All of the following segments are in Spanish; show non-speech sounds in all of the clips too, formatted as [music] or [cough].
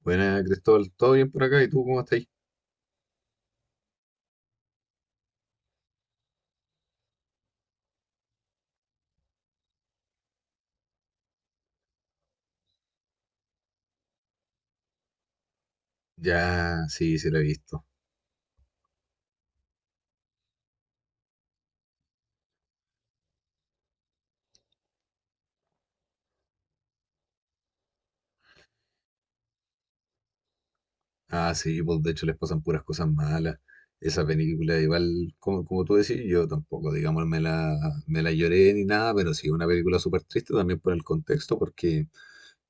Buena, Cristóbal, ¿todo bien por acá? ¿Y tú cómo estás ahí? Ya, sí, sí la he visto. Ah, sí, pues de hecho les pasan puras cosas malas. Esa película, igual, como, como tú decís, yo tampoco, digamos, me la lloré ni nada, pero sí, una película súper triste también por el contexto, porque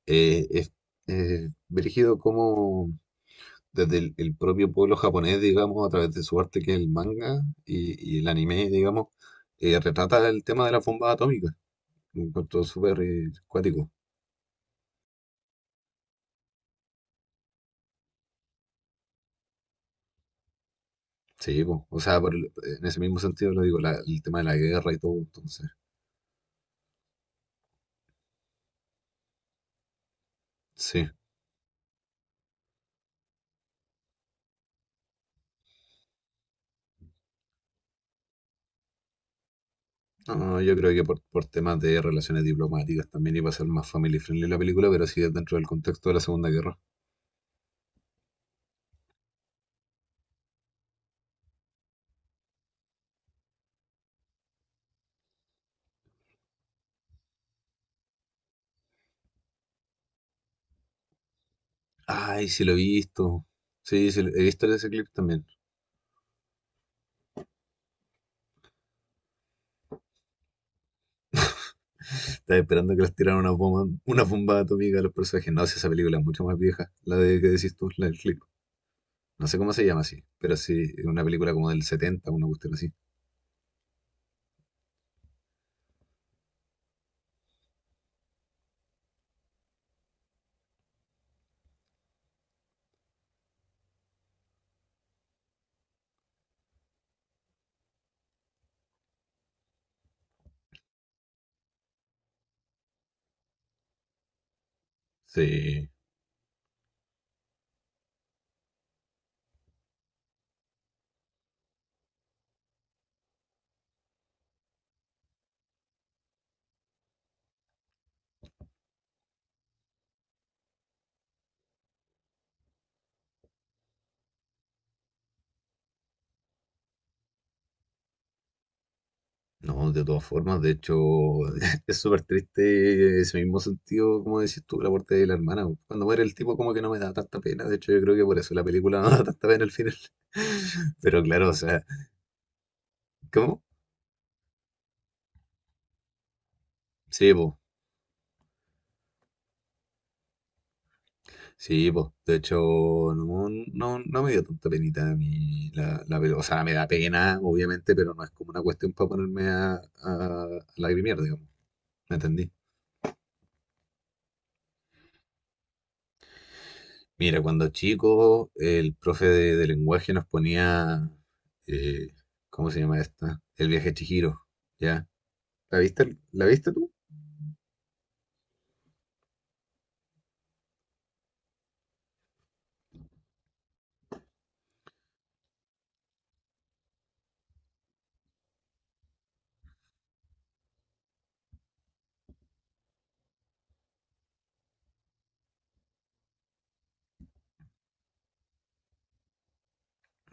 es dirigido como desde el propio pueblo japonés, digamos, a través de su arte que es el manga y el anime, digamos, retrata el tema de la bomba atómica. Lo encuentro súper cuático. Sí, po. O sea, en ese mismo sentido lo digo, el tema de la guerra y todo, entonces. Sí. No, yo creo que por temas de relaciones diplomáticas también iba a ser más family friendly la película, pero sí dentro del contexto de la Segunda Guerra. Ay, sí lo he visto. Sí, sí, he visto ese clip también. Estaba esperando que les tiraran una bomba atómica a los personajes. No, si esa película es mucho más vieja, la de que decís tú, la del clip. No sé cómo se llama así, pero sí, es una película como del 70, una cuestión así. Sí. No, de todas formas, de hecho, [laughs] es súper triste ese mismo sentido, como decís tú, la muerte de la hermana. Cuando muere el tipo, como que no me da tanta pena. De hecho, yo creo que por eso la película [laughs] no da tanta pena al final. [laughs] Pero claro, o sea, ¿cómo? Sí, pues, sí, pues, de hecho, no, no me dio tanta penita a mí la peli... O sea, me da pena, obviamente, pero no es como una cuestión para ponerme a lagrimear, digamos. ¿Me entendí? Mira, cuando chico, el profe de lenguaje nos ponía, eh, ¿cómo se llama esta? El viaje de Chihiro, ¿ya? ¿La viste tú?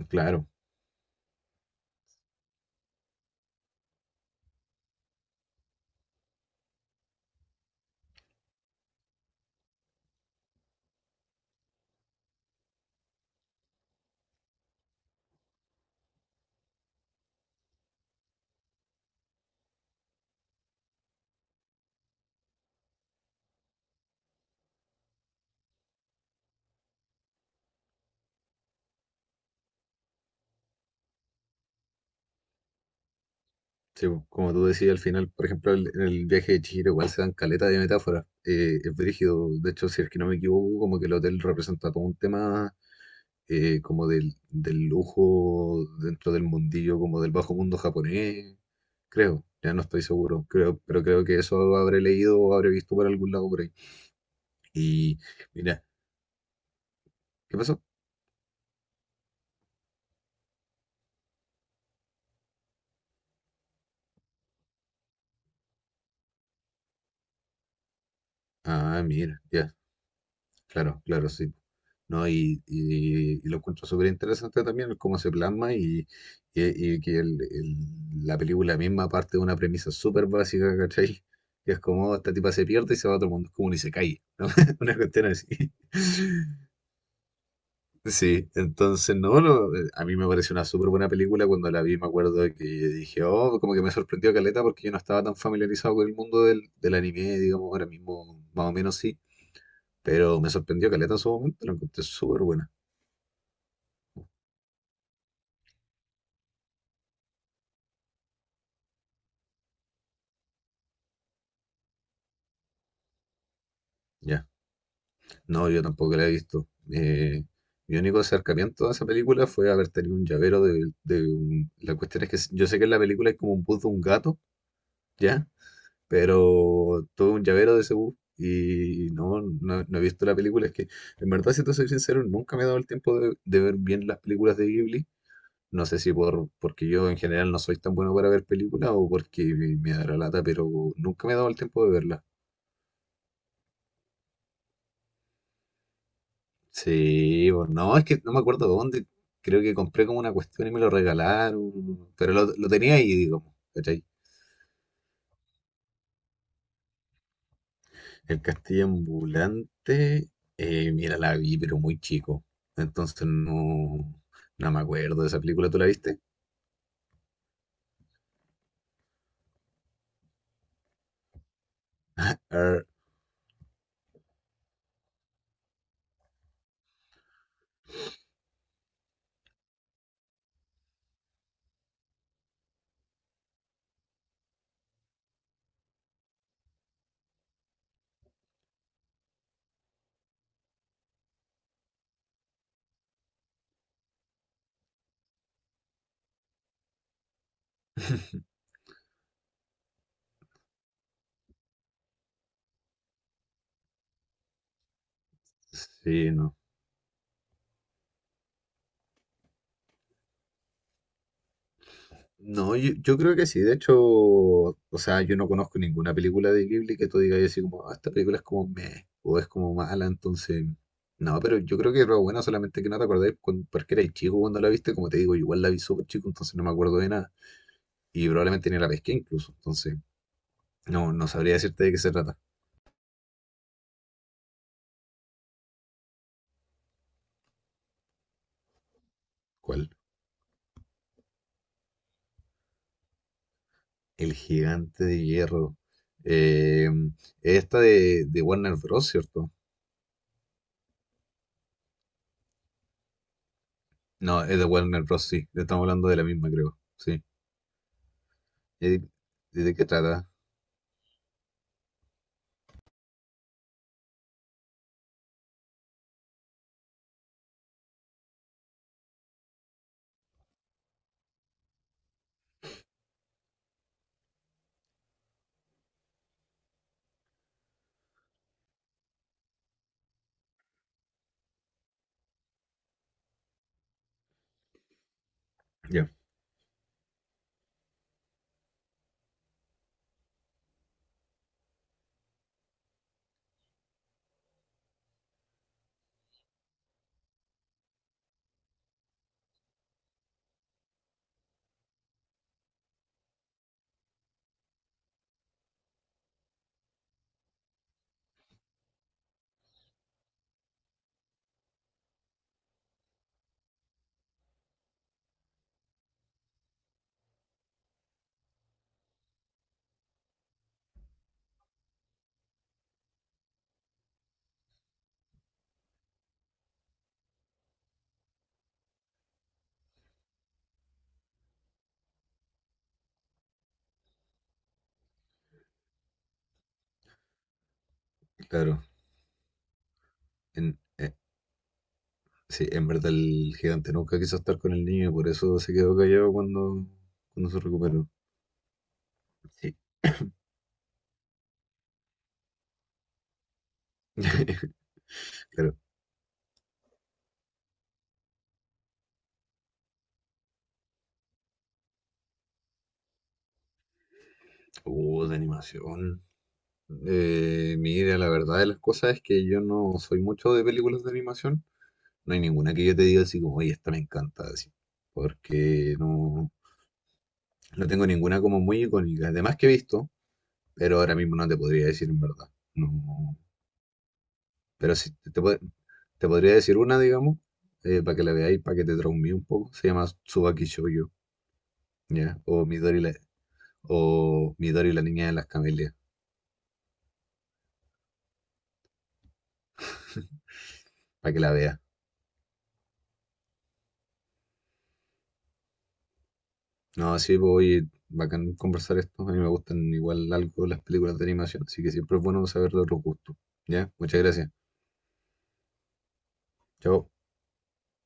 Claro, sí, pues, como tú decías al final, por ejemplo, en el viaje de Chihiro igual se dan caleta de metáforas, es brígido, de hecho, si es que no me equivoco, como que el hotel representa todo un tema como del, del lujo dentro del mundillo, como del bajo mundo japonés, creo, ya no estoy seguro, creo, pero creo que eso habré leído o habré visto por algún lado por ahí. Y mira, ¿qué pasó? Ah, mira, ya, claro, claro, sí. No, y lo encuentro súper interesante también el cómo se plasma y, y que la película misma parte de una premisa súper básica, ¿cachai? Que es como esta tipa se pierde y se va a otro mundo, es como un isekai, ¿no? [laughs] Una cuestión así. Sí, entonces no, no, a mí me pareció una súper buena película cuando la vi, me acuerdo que dije, oh, como que me sorprendió caleta porque yo no estaba tan familiarizado con el mundo del, del anime, digamos, ahora mismo más o menos sí, pero me sorprendió caleta en su momento, la encontré súper buena, ya. No, yo tampoco la he visto. Eh, mi único acercamiento a esa película fue haber tenido un llavero La cuestión es que yo sé que en la película hay como un bus de un gato, ¿ya? Pero todo un llavero de Cebú. Y no he visto la película. Es que, en verdad, si te soy sincero, nunca me he dado el tiempo de ver bien las películas de Ghibli. No sé si por, porque yo en general no soy tan bueno para ver películas o porque me da la lata, pero nunca me he dado el tiempo de verlas. Sí, no, es que no me acuerdo dónde. Creo que compré como una cuestión y me lo regalaron, pero lo tenía ahí, digamos, ¿cachai? El castillo ambulante, mira, la vi, pero muy chico. Entonces no, no me acuerdo de esa película. ¿Tú la viste? Ar... [laughs] Sí, no. No, yo creo que sí. De hecho, o sea, yo no conozco ninguna película de Ghibli que tú digas así como, "Ah, esta película es como meh, o es como mala", entonces... No, pero yo creo que era buena, solamente que no te acordáis porque eras chico cuando la viste, como te digo, yo igual la vi súper chico, entonces no me acuerdo de nada. Y probablemente ni la pesqué incluso, entonces no sabría decirte de qué se trata. ¿Cuál? El gigante de hierro. Eh, Esta de Warner Bros., ¿cierto? No, es de Warner Bros., sí. Estamos hablando de la misma, creo. Sí. Eh, ¿De qué trata? Ya, claro. En, eh, sí, en verdad el gigante nunca quiso estar con el niño y por eso se quedó callado cuando, cuando se recuperó. Sí. [laughs] Claro. De animación. Mira, la verdad de las cosas es que yo no soy mucho de películas de animación. No hay ninguna que yo te diga así como, oye, esta me encanta, así. Porque no, no tengo ninguna como muy icónica. Además que he visto, pero ahora mismo no te podría decir en verdad. No. Pero sí, te podría decir una, digamos, para que la veáis, para que te traumé un poco. Se llama Tsubaki Shoujo, ¿ya? O Midori la niña de las camelias, para que la veas. No, sí, pues oye, bacán conversar esto. A mí me gustan igual algo las películas de animación, así que siempre es bueno saber de otros gustos. ¿Ya? Muchas gracias. Chao.